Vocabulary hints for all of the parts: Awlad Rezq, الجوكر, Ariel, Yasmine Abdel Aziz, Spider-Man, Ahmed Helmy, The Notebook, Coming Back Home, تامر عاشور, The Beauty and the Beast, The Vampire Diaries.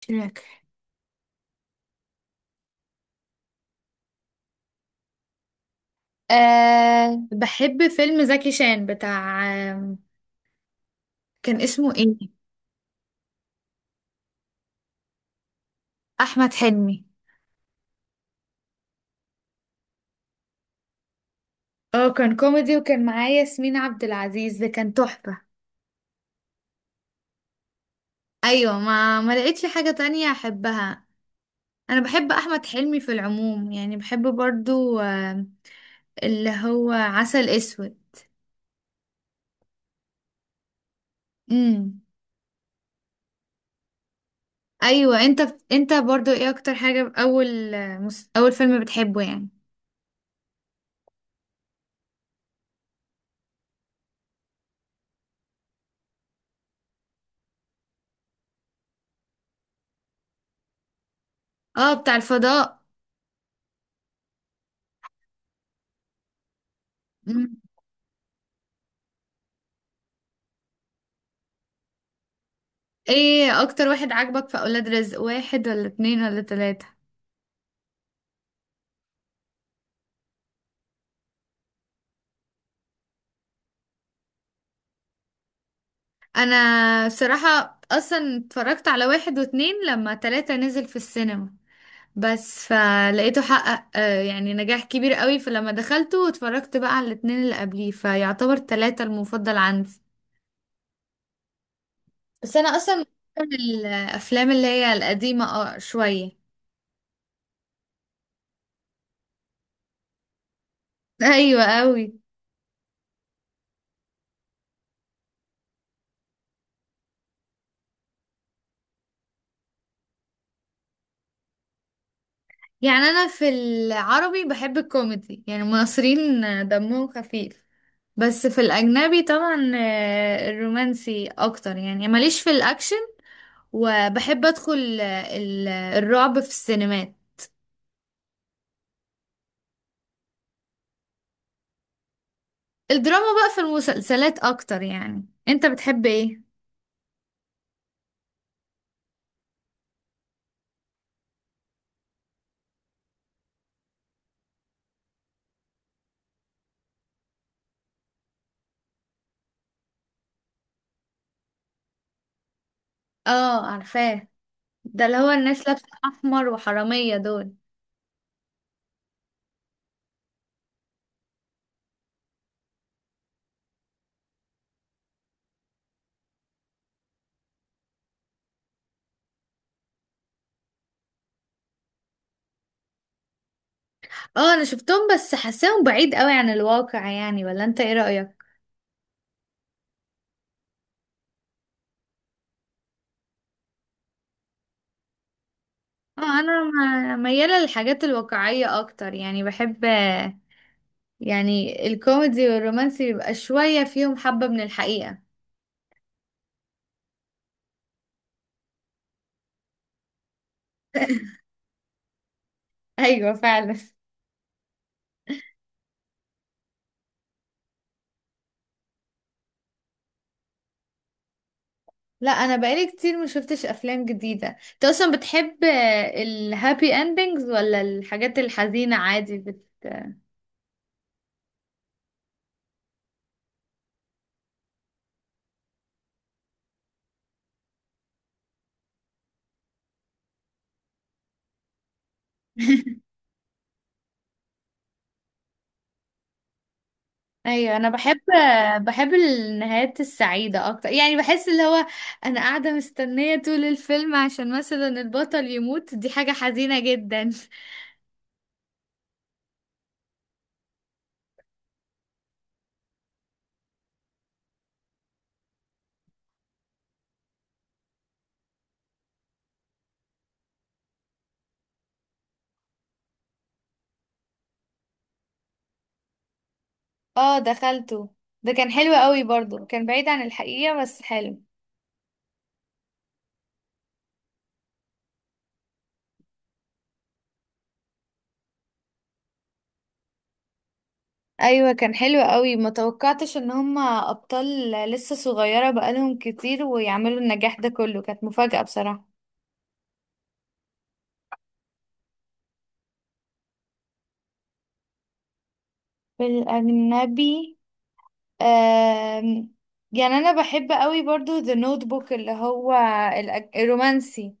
شراك. أه، بحب فيلم زكي شان بتاع. آم، كان اسمه ايه؟ احمد حلمي. اه، كان كوميدي وكان معايا ياسمين عبد العزيز، ده كان تحفة. ايوه، ما لقيتش حاجة تانية احبها. انا بحب احمد حلمي في العموم، يعني بحب برضو اللي هو عسل اسود. امم. ايوه، انت. انت برضو ايه اكتر حاجة، اول اول فيلم بتحبه يعني؟ اه، بتاع الفضاء. ايه اكتر واحد عاجبك في اولاد رزق؟ واحد ولا اتنين ولا تلاتة؟ انا بصراحة اصلا اتفرجت على واحد واتنين لما تلاتة نزل في السينما. بس فلقيته حقق يعني نجاح كبير قوي، فلما دخلته اتفرجت بقى على الاتنين اللي قبليه، فيعتبر تلاتة المفضل عندي. بس انا اصلا من الافلام اللي هي القديمة شوية. ايوه، قوي. يعني انا في العربي بحب الكوميدي، يعني المصريين دمهم خفيف. بس في الأجنبي طبعا الرومانسي أكتر، يعني ماليش في الأكشن. وبحب أدخل الرعب في السينمات. الدراما بقى في المسلسلات أكتر. يعني أنت بتحب إيه؟ آه، عارفاه. ده اللي هو الناس لابسة أحمر، وحرامية دول. آه، أنا شفتهم بس حاساهم بعيد قوي عن الواقع، يعني ولا أنت إيه رأيك؟ آه، أنا ميالة للحاجات الواقعية أكتر، يعني بحب يعني الكوميدي والرومانسي بيبقى شوية فيهم حبة من الحقيقة. ايوه، فعلا. لا، انا بقالي كتير ما شفتش افلام جديده. انت اصلا بتحب الهابي اندنجز ولا الحاجات الحزينه عادي؟ ايوه، انا بحب النهايات السعيده اكتر، يعني بحس اللي هو انا قاعده مستنيه طول الفيلم، عشان مثلا البطل يموت، دي حاجه حزينه جدا. اه، دخلته. ده كان حلو قوي، برضو كان بعيد عن الحقيقه بس حلو. ايوه، كان حلو قوي. ما توقعتش ان هما ابطال لسه صغيره بقالهم كتير ويعملوا النجاح ده كله، كانت مفاجاه بصراحه. في الاجنبي آم، يعني انا بحب قوي برضو ذا نوت بوك، اللي هو الرومانسي.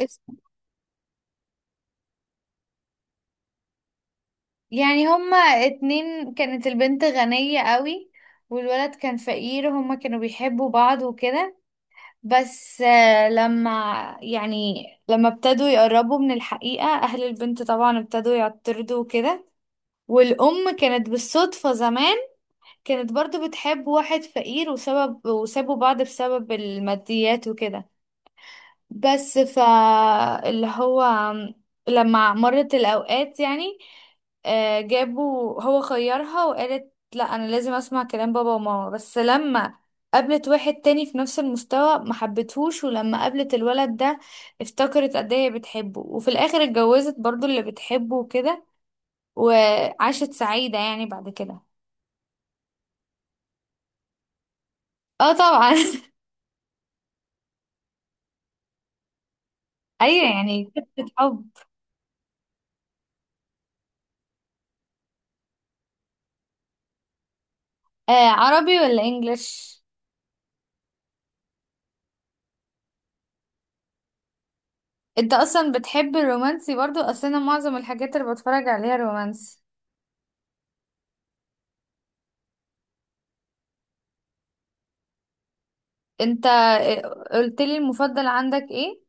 اس- يعني هما اتنين، كانت البنت غنيه قوي، والولد كان فقير، هما كانوا بيحبوا بعض وكده. بس لما يعني لما ابتدوا يقربوا من الحقيقة، أهل البنت طبعا ابتدوا يعترضوا وكده. والأم كانت بالصدفة زمان كانت برضو بتحب واحد فقير، وسبب وسابوا بعض بسبب الماديات وكده. بس اللي هو لما مرت الأوقات، يعني جابوا هو خيرها، وقالت لا، أنا لازم أسمع كلام بابا وماما. بس لما قابلت واحد تاني في نفس المستوى ما حبتهوش، ولما قابلت الولد ده افتكرت قد ايه هي بتحبه، وفي الآخر اتجوزت برضو اللي بتحبه وكده. وعاشت سعيدة يعني بعد كده. اه، طبعا. ايوه، يعني قصة حب. آه، عربي ولا انجليش؟ انت اصلا بتحب الرومانسي برضو؟ اصل انا معظم الحاجات اللي بتفرج عليها رومانسي. انت قلت لي المفضل عندك ايه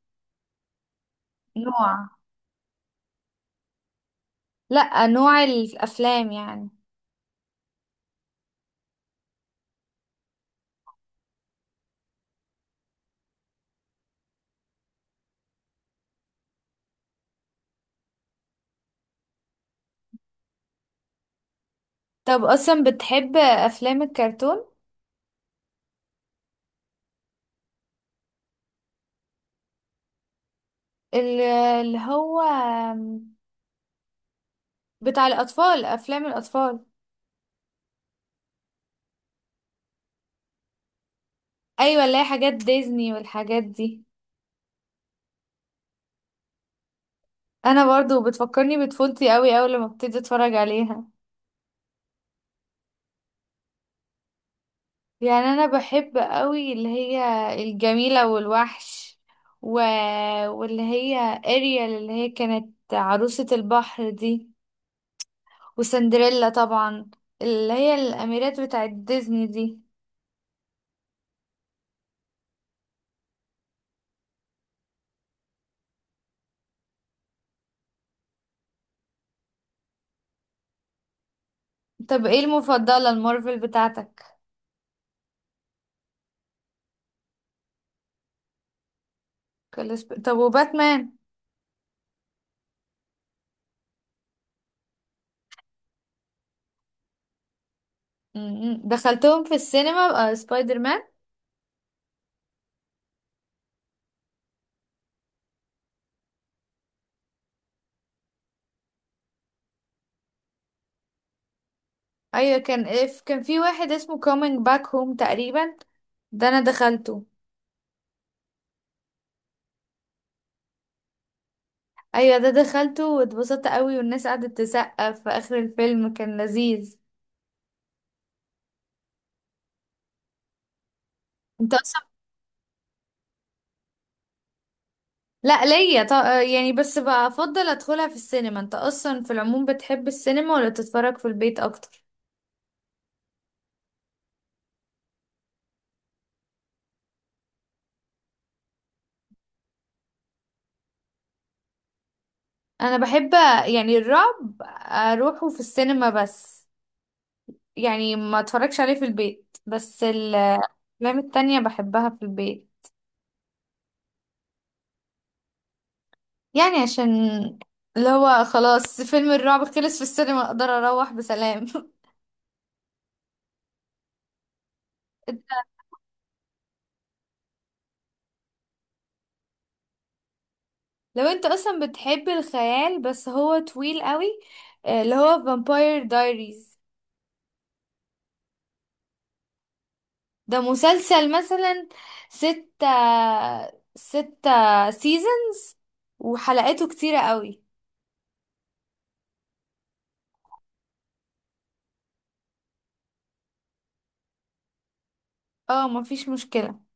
نوع؟ لا، نوع الافلام يعني. طب اصلا بتحب افلام الكرتون؟ ال- اللي هو بتاع الاطفال، افلام الاطفال. ايوه، اللي هي حاجات ديزني والحاجات دي. انا برضو بتفكرني بطفولتي قوي اول لما ابتدي اتفرج عليها. يعني انا بحب قوي اللي هي الجميلة والوحش، و... واللي هي اريال اللي هي كانت عروسة البحر دي، وسندريلا طبعا، اللي هي الاميرات بتاعت ديزني دي. طب ايه المفضلة المارفل بتاعتك؟ طب، وباتمان؟ م- م. دخلتهم في السينما سبايدر مان؟ ايوه، كان في واحد اسمه كومينج باك هوم تقريبا، ده انا دخلته. ايوه، ده دخلته واتبسطت قوي، والناس قعدت تسقف في اخر الفيلم، كان لذيذ. انت اصلا، لا، ليا يعني بس بفضل ادخلها في السينما. انت اصلا في العموم بتحب السينما ولا تتفرج في البيت اكتر؟ انا بحب، يعني الرعب اروحه في السينما بس، يعني ما اتفرجش عليه في البيت، بس الافلام التانية بحبها في البيت. يعني عشان اللي هو خلاص فيلم الرعب خلص في السينما اقدر اروح بسلام. لو انت اصلا بتحب الخيال، بس هو طويل قوي، اللي هو فامباير دايريز. ده مسلسل مثلا. ستة ستة سيزونز، وحلقاته كتيرة قوي. اه، مفيش مشكلة.